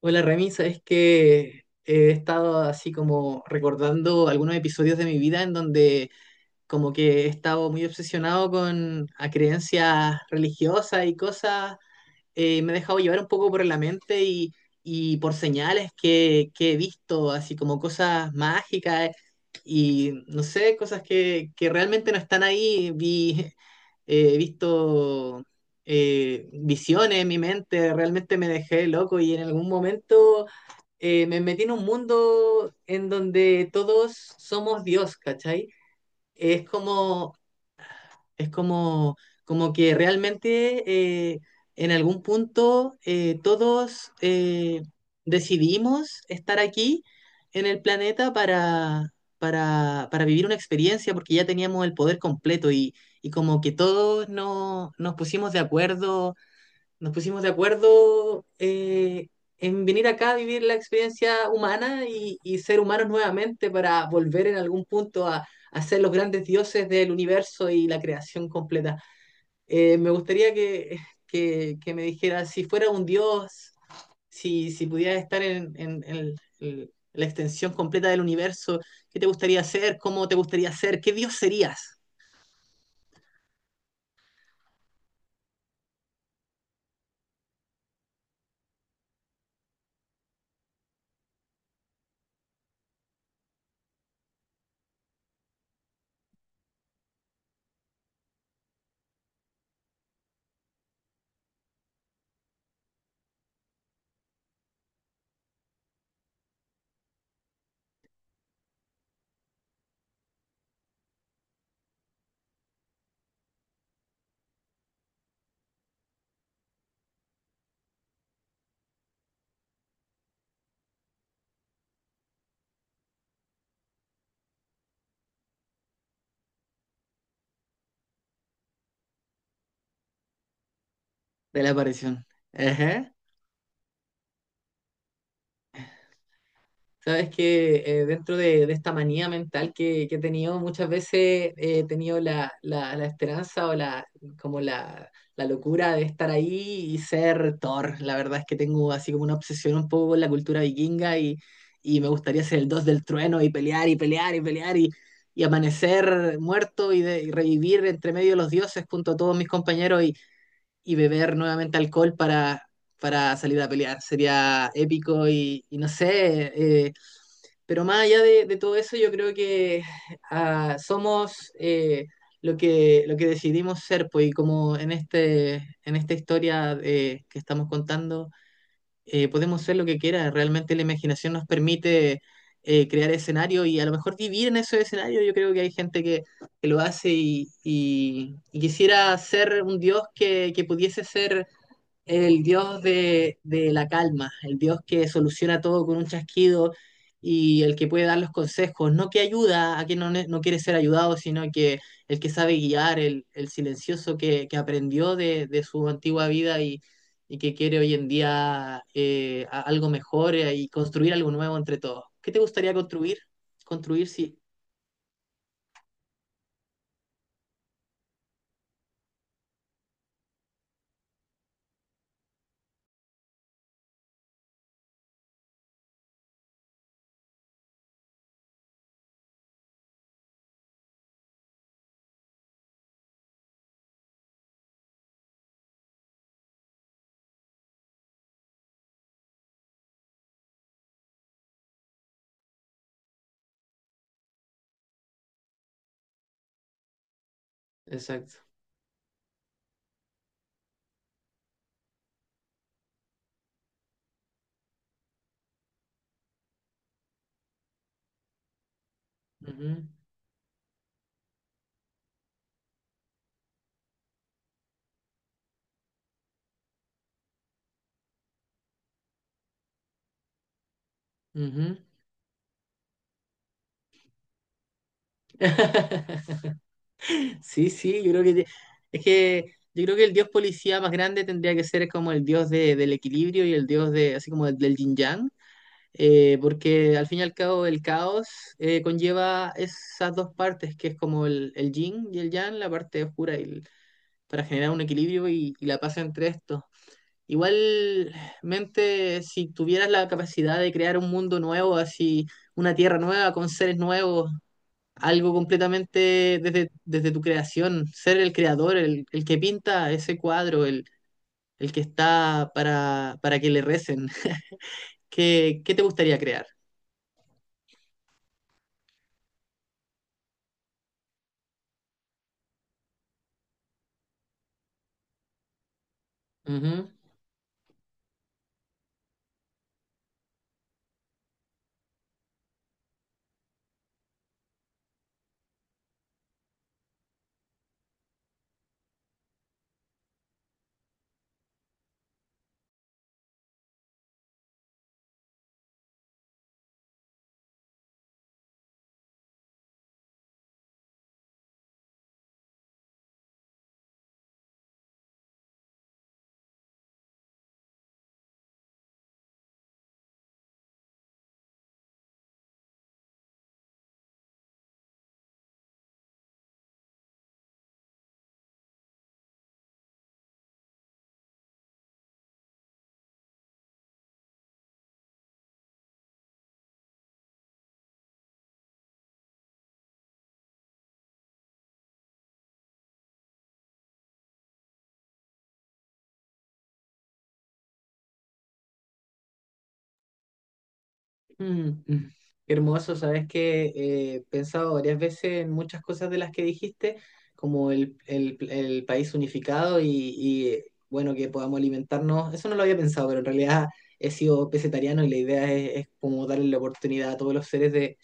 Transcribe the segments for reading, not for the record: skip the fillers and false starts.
Hola Remy, sabes que he estado así como recordando algunos episodios de mi vida en donde como que he estado muy obsesionado con a creencias religiosas y cosas. Me he dejado llevar un poco por la mente y por señales que he visto, así como cosas mágicas, y no sé, cosas que realmente no están ahí. He visto, visiones en mi mente, realmente me dejé loco y en algún momento me metí en un mundo en donde todos somos Dios, ¿cachai? Es como es como, Como que realmente, eh, en algún punto, todos, decidimos estar aquí en el planeta para vivir una experiencia porque ya teníamos el poder completo, y como que todos nos pusimos de acuerdo, nos pusimos de acuerdo eh, en venir acá a vivir la experiencia humana y ser humanos nuevamente para volver en algún punto a ser los grandes dioses del universo y la creación completa. Me gustaría que me dijera, si fuera un dios, si pudiera estar en el- la extensión completa del universo, ¿qué te gustaría ser? ¿Cómo te gustaría ser? ¿Qué dios serías de la aparición? Sabes que, dentro de esta manía mental que he tenido, muchas veces he tenido la esperanza o como la, la locura de estar ahí y ser Thor. La verdad es que tengo así como una obsesión un poco con la cultura vikinga, y me gustaría ser el dios del trueno y pelear y pelear y pelear, y amanecer muerto y, y revivir entre medio de los dioses junto a todos mis compañeros, y beber nuevamente alcohol para salir a pelear. Sería épico y no sé. Pero más allá de todo eso, yo creo que, somos, lo que decidimos ser, pues, y como en este, en esta historia que estamos contando, podemos ser lo que quiera. Realmente la imaginación nos permite, crear escenarios y a lo mejor vivir en esos escenarios. Yo creo que hay gente que lo hace y, y quisiera ser un dios que pudiese ser el dios de la calma, el dios que soluciona todo con un chasquido y el que puede dar los consejos, no que ayuda a quien no quiere ser ayudado, sino que el que sabe guiar, el silencioso que aprendió de su antigua vida, y que quiere hoy en día, algo mejor, y construir algo nuevo entre todos. ¿Qué te gustaría construir? Construir, sí. Exacto. Ujú, ujú. Sí, sí, yo creo que te- es que yo creo que el dios policía más grande tendría que ser como el dios del equilibrio y el dios de así como del yin yang, porque al fin y al cabo el caos, conlleva esas dos partes que es como el yin y el yang, la parte oscura y para generar un equilibrio y la paz entre estos. Igualmente, si tuvieras la capacidad de crear un mundo nuevo, así una tierra nueva con seres nuevos, algo completamente desde tu creación, ser el creador, el que pinta ese cuadro, el que está para que le recen. ¿Qué, qué te gustaría crear? Ujú. Mm, mm. Qué hermoso, sabes que, he pensado varias veces en muchas cosas de las que dijiste, como el, el país unificado y, bueno, que podamos alimentarnos. Eso no lo había pensado, pero en realidad he sido pesetariano y la idea es como darle la oportunidad a todos los seres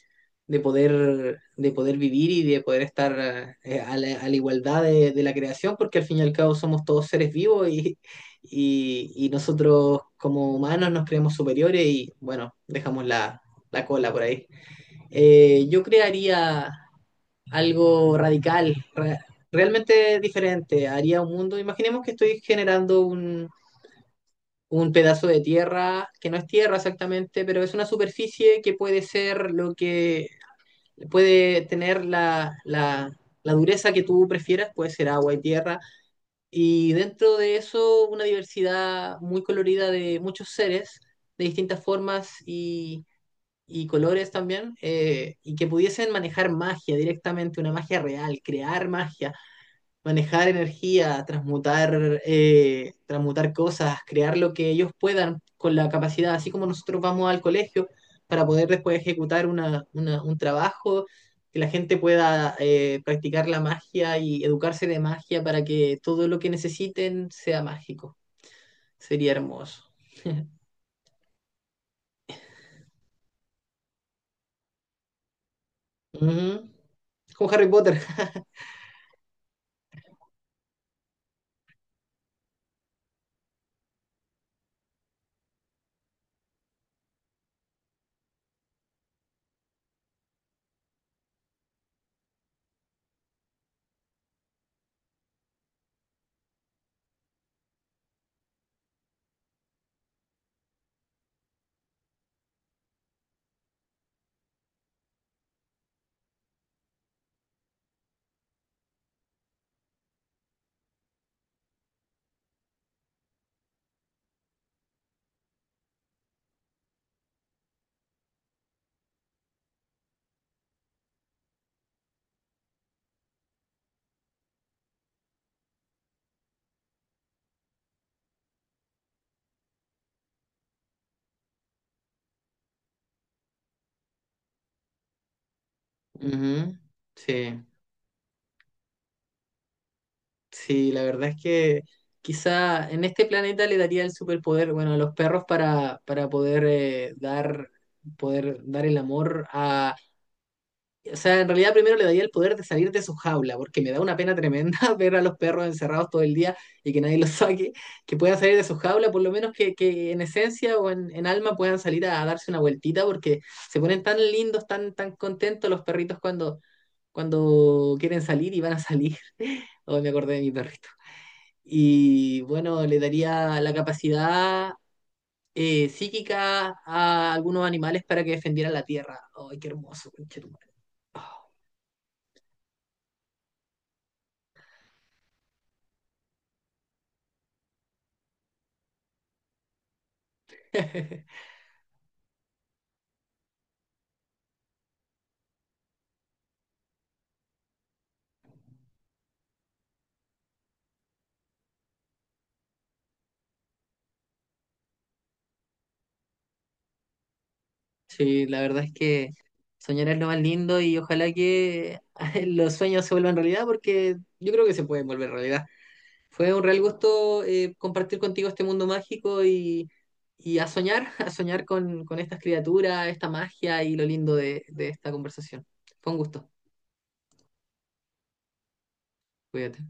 de poder vivir y de poder estar, a la igualdad de la creación, porque al fin y al cabo somos todos seres vivos, y nosotros como humanos nos creemos superiores y bueno, dejamos la, la cola por ahí. Yo crearía algo radical, realmente diferente, haría un mundo. Imaginemos que estoy generando un pedazo de tierra, que no es tierra exactamente, pero es una superficie que puede ser lo que puede tener la, la, la dureza que tú prefieras, puede ser agua y tierra, y dentro de eso una diversidad muy colorida de muchos seres, de distintas formas y colores también, y que pudiesen manejar magia directamente, una magia real, crear magia, manejar energía, transmutar, transmutar cosas, crear lo que ellos puedan con la capacidad, así como nosotros vamos al colegio para poder después ejecutar una, un trabajo, que la gente pueda, practicar la magia y educarse de magia para que todo lo que necesiten sea mágico. Sería hermoso. Ujú. Como Harry Potter. Ujú. Sí. Sí, la verdad es que quizá en este planeta le daría el superpoder, bueno, a los perros para poder, dar, poder dar el amor a... O sea, en realidad primero le daría el poder de salir de su jaula, porque me da una pena tremenda ver a los perros encerrados todo el día y que nadie los saque, que puedan salir de su jaula, por lo menos que en esencia o en alma puedan salir a darse una vueltita, porque se ponen tan lindos, tan, tan contentos los perritos cuando quieren salir y van a salir. Oh, me acordé de mi perrito. Y bueno, le daría la capacidad, psíquica a algunos animales para que defendieran la tierra. ¡Ay, qué hermoso! Conchetumare. Sí, la verdad es que soñar es lo más lindo y ojalá que los sueños se vuelvan realidad porque yo creo que se pueden volver realidad. Fue un real gusto, compartir contigo este mundo mágico, y a soñar, a soñar con estas criaturas, esta magia y lo lindo de esta conversación. Fue un gusto. Cuídate.